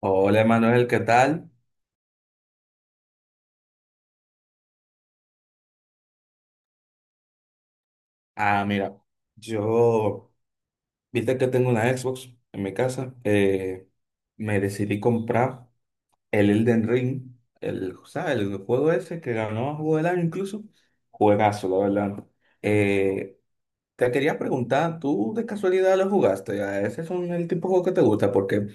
Hola Manuel, ¿qué tal? Ah, mira, yo, viste que tengo una Xbox en mi casa, me decidí comprar el Elden Ring, el, ¿sabes? El juego ese que ganó Juego del Año incluso, juegazo, la verdad. Eh, te quería preguntar, ¿tú de casualidad lo jugaste? A ¿Ese es un- El tipo de juego que te gusta? Porque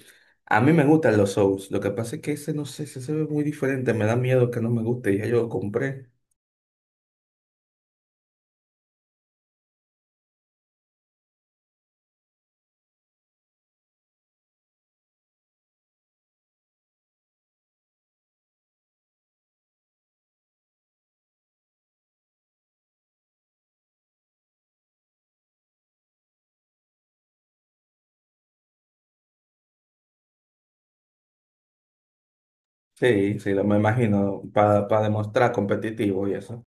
a mí me gustan los Souls, lo que pasa es que ese, no sé, ese se ve muy diferente, me da miedo que no me guste, y ya yo lo compré. Sí, sí, lo me imagino, para demostrar competitivo y eso.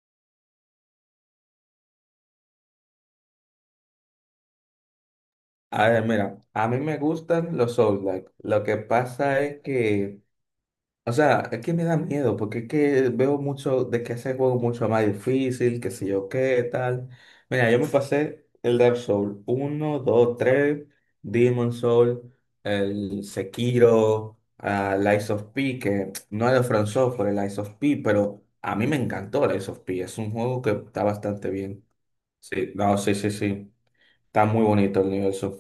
A ver, mira, a mí me gustan los Souls-like. Lo que pasa es que, o sea, es que me da miedo, porque es que veo mucho de que ese juego es mucho más difícil, que sé yo qué, tal. Mira, yo me pasé el Dark Souls uno, dos, tres, Demon Souls, el Sekiro, Lies of P, que no es de From Software, el Lies of P, pero a mí me encantó Lies of P. Es un juego que está bastante bien. Sí, no, sí, sí, sí. Está muy bonito el universo.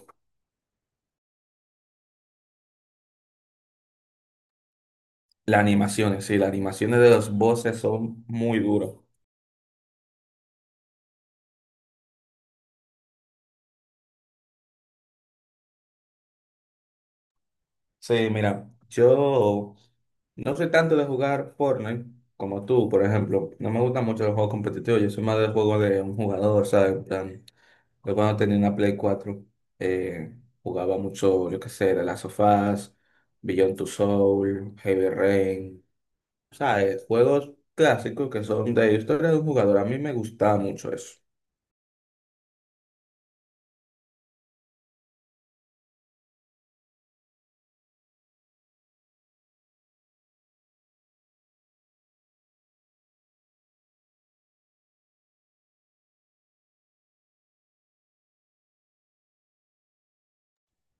Las animaciones, sí, las animaciones de los voces son muy duros. Sí, mira, yo no soy tanto de jugar Fortnite como tú, por ejemplo. No me gustan mucho los juegos competitivos. Yo soy más del juego de un jugador, ¿sabes? En plan, yo cuando tenía una Play cuatro, eh, jugaba mucho, yo qué sé, The Last of Us, Beyond Two Soul, Heavy Rain. ¿Sabes? Juegos clásicos que son de historia de un jugador. A mí me gustaba mucho eso.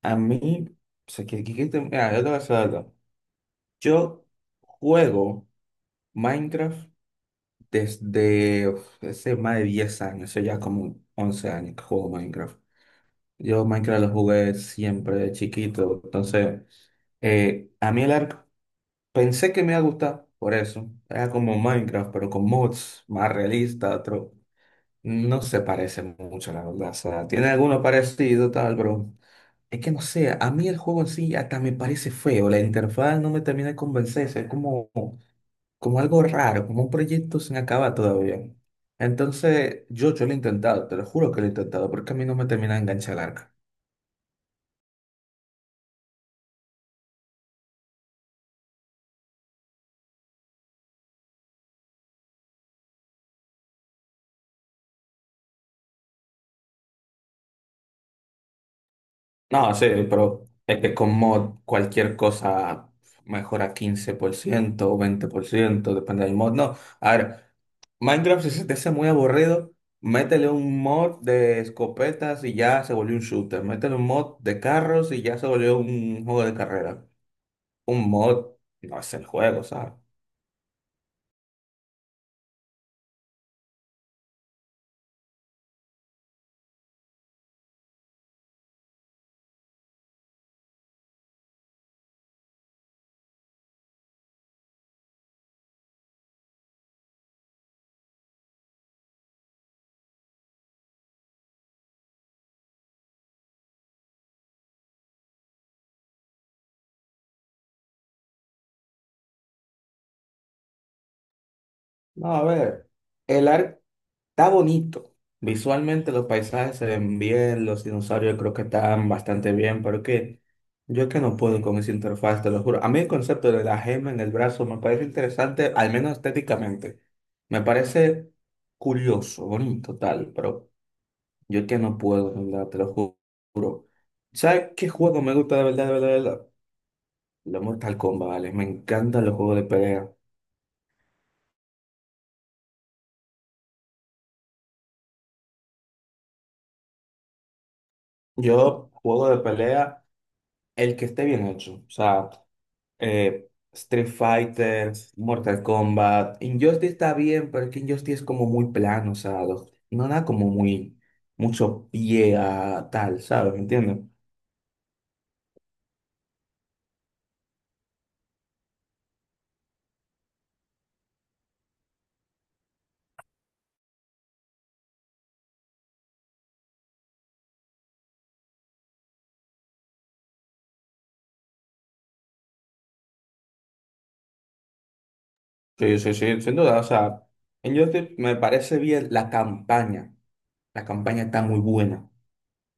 A mí, o sea, mira, yo te voy a decir algo. Yo juego Minecraft desde uf, hace más de 10 años, o sea, ya como 11 años que juego Minecraft. Yo Minecraft lo jugué siempre de chiquito, entonces, a mí el arco pensé que me iba a gustar por eso. Era como Minecraft, pero con mods más realista. No se parece mucho, la verdad. O sea, tiene alguno parecido, tal, pero es que no sé, a mí el juego en sí hasta me parece feo. La interfaz no me termina de convencerse. Es como, como algo raro, como un proyecto sin acabar todavía. Entonces, yo lo he intentado, te lo juro que lo he intentado, porque a mí no me termina de enganchar el arco. No, sí, pero es que con mod cualquier cosa mejora 15% o 20%, depende del mod. No, a ver, Minecraft si se te hace muy aburrido, métele un mod de escopetas y ya se volvió un shooter. Métele un mod de carros y ya se volvió un juego de carrera. Un mod no es el juego, ¿sabes? No, a ver, el arco está bonito. Visualmente los paisajes se ven bien, los dinosaurios creo que están bastante bien, pero que yo que no puedo con esa interfaz, te lo juro. A mí el concepto de la gema en el brazo me parece interesante, al menos estéticamente. Me parece curioso, bonito, tal, pero yo que no puedo, de verdad, te lo juro. ¿Sabes qué juego me gusta de verdad, de verdad, de verdad? Los Mortal Kombat, ¿vale? Me encantan los juegos de pelea. Yo juego de pelea el que esté bien hecho. O sea, eh, Street Fighter, Mortal Kombat. Injustice está bien, pero es que Injustice es como muy plano, o sea, no da como muy mucho pie a tal, ¿sabes? ¿Me entiendes? Sí, sí, sí, sin duda. O sea, Injustice me parece bien la campaña. La campaña está muy buena.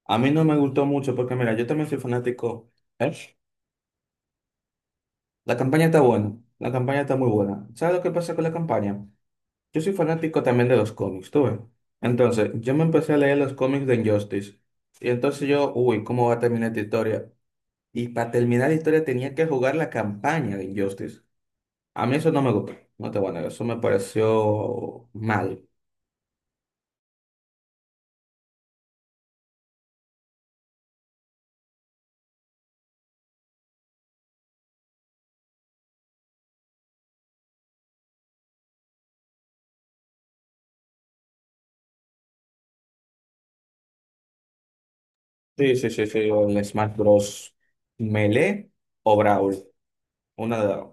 A mí no me gustó mucho porque, mira, yo también soy fanático. ¿Eh? La campaña está buena. La campaña está muy buena. ¿Sabes lo que pasa con la campaña? Yo soy fanático también de los cómics, tú ves. Entonces, yo me empecé a leer los cómics de Injustice. Y entonces yo, uy, ¿cómo va a terminar esta historia? Y para terminar la historia tenía que jugar la campaña de Injustice. A mí eso no me gustó. No te voy a negar, eso me pareció mal. Sí, sí, sí, sí. O el Smash Bros. Melee o Brawl. Una de las dos.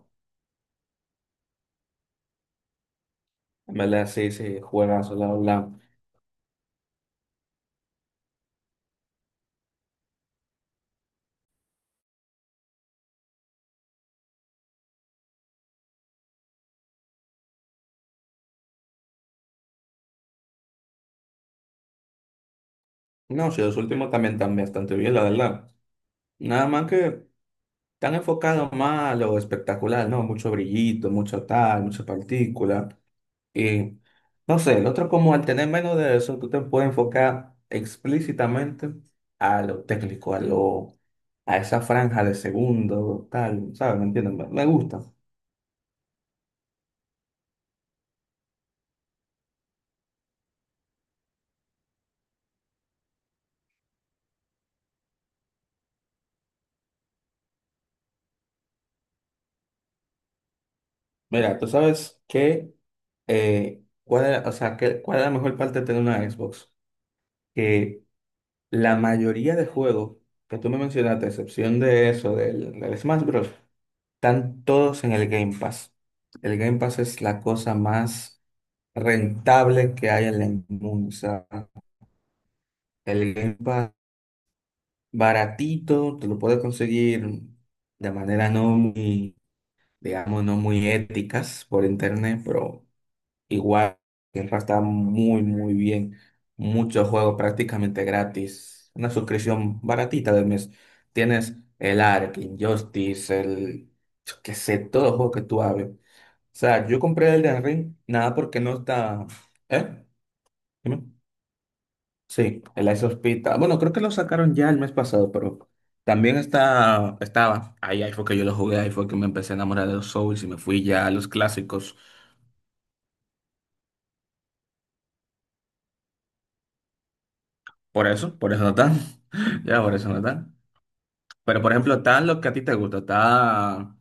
En verdad, sí, sí, juegas, la, la. No, sí, los últimos también están bastante bien, la verdad. Nada más que. Están enfocados más a lo espectacular, ¿no? Mucho brillito, mucho tal, mucha partícula. Y no sé, el otro como al tener menos de eso, tú te puedes enfocar explícitamente a lo técnico, a lo, a esa franja de segundo, tal, ¿sabes? ¿Me entiendes? Me gusta. Mira, tú sabes que, cuál es, o sea, cuál es la mejor parte de tener una Xbox. Que la mayoría de juegos que tú me mencionaste, a excepción de eso, del Smash Bros., están todos en el Game Pass. El Game Pass es la cosa más rentable que hay en el mundo. O sea, el Game Pass baratito, te lo puedes conseguir de manera no muy, digamos, no muy éticas por internet, pero igual el Game está muy, muy bien. Muchos juegos prácticamente gratis. Una suscripción baratita del mes. Tienes el Ark, Injustice, el, yo qué sé, todos los juegos que tú hables. Sea, yo compré el de Henry, nada porque no está. ¿Eh? Dime. Sí, el Ice Hospital. Bueno, creo que lo sacaron ya el mes pasado, pero también está, estaba. Ahí, ahí fue que yo lo jugué, ahí fue que me empecé a enamorar de los Souls y me fui ya a los clásicos. Por eso no están. Ya, por eso no están. Pero por ejemplo, está lo que a ti te gusta, está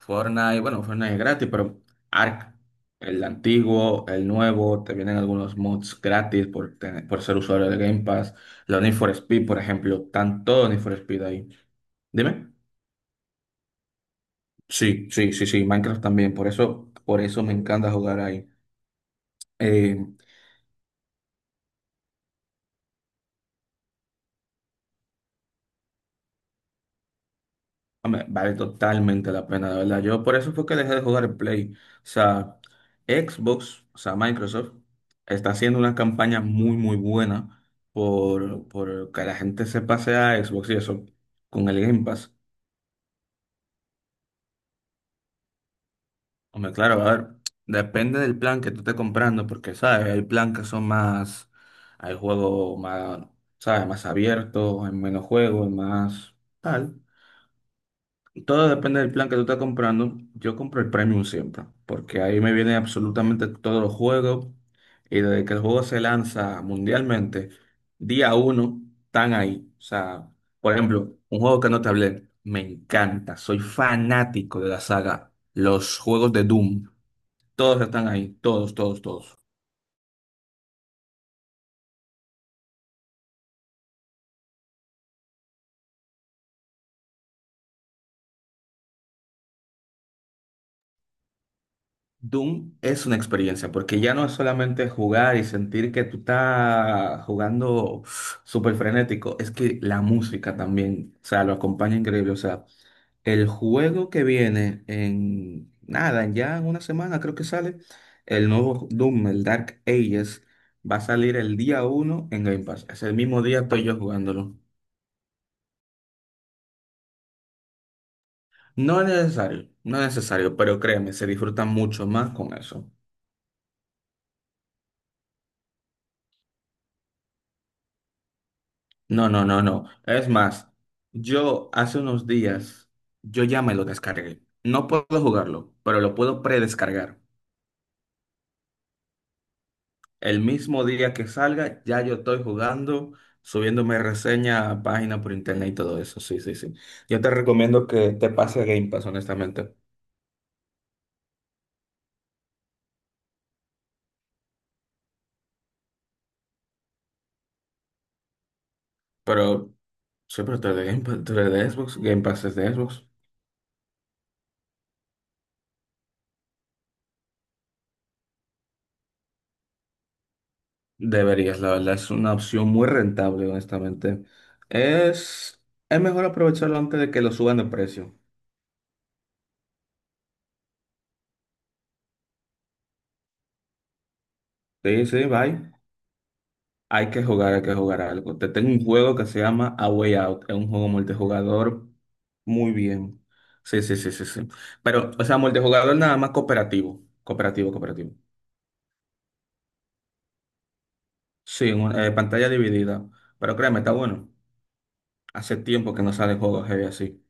Fortnite, bueno, Fortnite es gratis, pero Ark, el antiguo, el nuevo, te vienen algunos mods gratis por, por ser usuario de Game Pass, los Need for Speed, por ejemplo, están todos Need for Speed ahí. Dime. Sí, sí, sí, sí, Minecraft también, por eso me encanta jugar ahí. Hombre, vale totalmente la pena, de verdad. Yo por eso fue que dejé de jugar el Play. O sea, Xbox, o sea, Microsoft, está haciendo una campaña muy, muy buena por que la gente se pase a Xbox y eso con el Game Pass. Hombre, claro, a ver, depende del plan que tú estés comprando, porque, ¿sabes? Hay plan que son más, hay juegos más, ¿sabes? Más abiertos, hay menos juegos, hay más tal. Todo depende del plan que tú estás comprando. Yo compro el Premium siempre, porque ahí me vienen absolutamente todos los juegos. Y desde que el juego se lanza mundialmente, día uno, están ahí. O sea, por ejemplo, un juego que no te hablé, me encanta. Soy fanático de la saga. Los juegos de Doom, todos están ahí. Todos, todos, todos. Doom es una experiencia, porque ya no es solamente jugar y sentir que tú estás jugando súper frenético, es que la música también, o sea, lo acompaña increíble. O sea, el juego que viene en nada, ya en una semana creo que sale, el nuevo Doom, el Dark Ages, va a salir el día uno en Game Pass. Es el mismo día estoy yo jugándolo. No es necesario, no es necesario, pero créeme, se disfruta mucho más con eso. No, no, no, no. Es más, yo hace unos días, yo ya me lo descargué. No puedo jugarlo, pero lo puedo predescargar. El mismo día que salga, ya yo estoy jugando, subiéndome reseña a página por internet y todo eso. Sí, sí, sí. Yo te recomiendo que te pase a Game Pass, honestamente. Pero, sí, pero tú eres de Game Pass, tú eres de Xbox, Game Pass es de Xbox. Deberías, la verdad, es una opción muy rentable, honestamente. Es, es mejor aprovecharlo antes de que lo suban de precio. Sí, sí, bye. Hay que jugar algo. Te tengo un juego que se llama A Way Out. Es un juego multijugador muy bien. Sí, sí, sí, sí, sí. Pero, o sea, multijugador nada más cooperativo. Cooperativo, cooperativo. Sí, pantalla dividida. Pero créeme, está bueno. Hace tiempo que no salen juegos heavy así.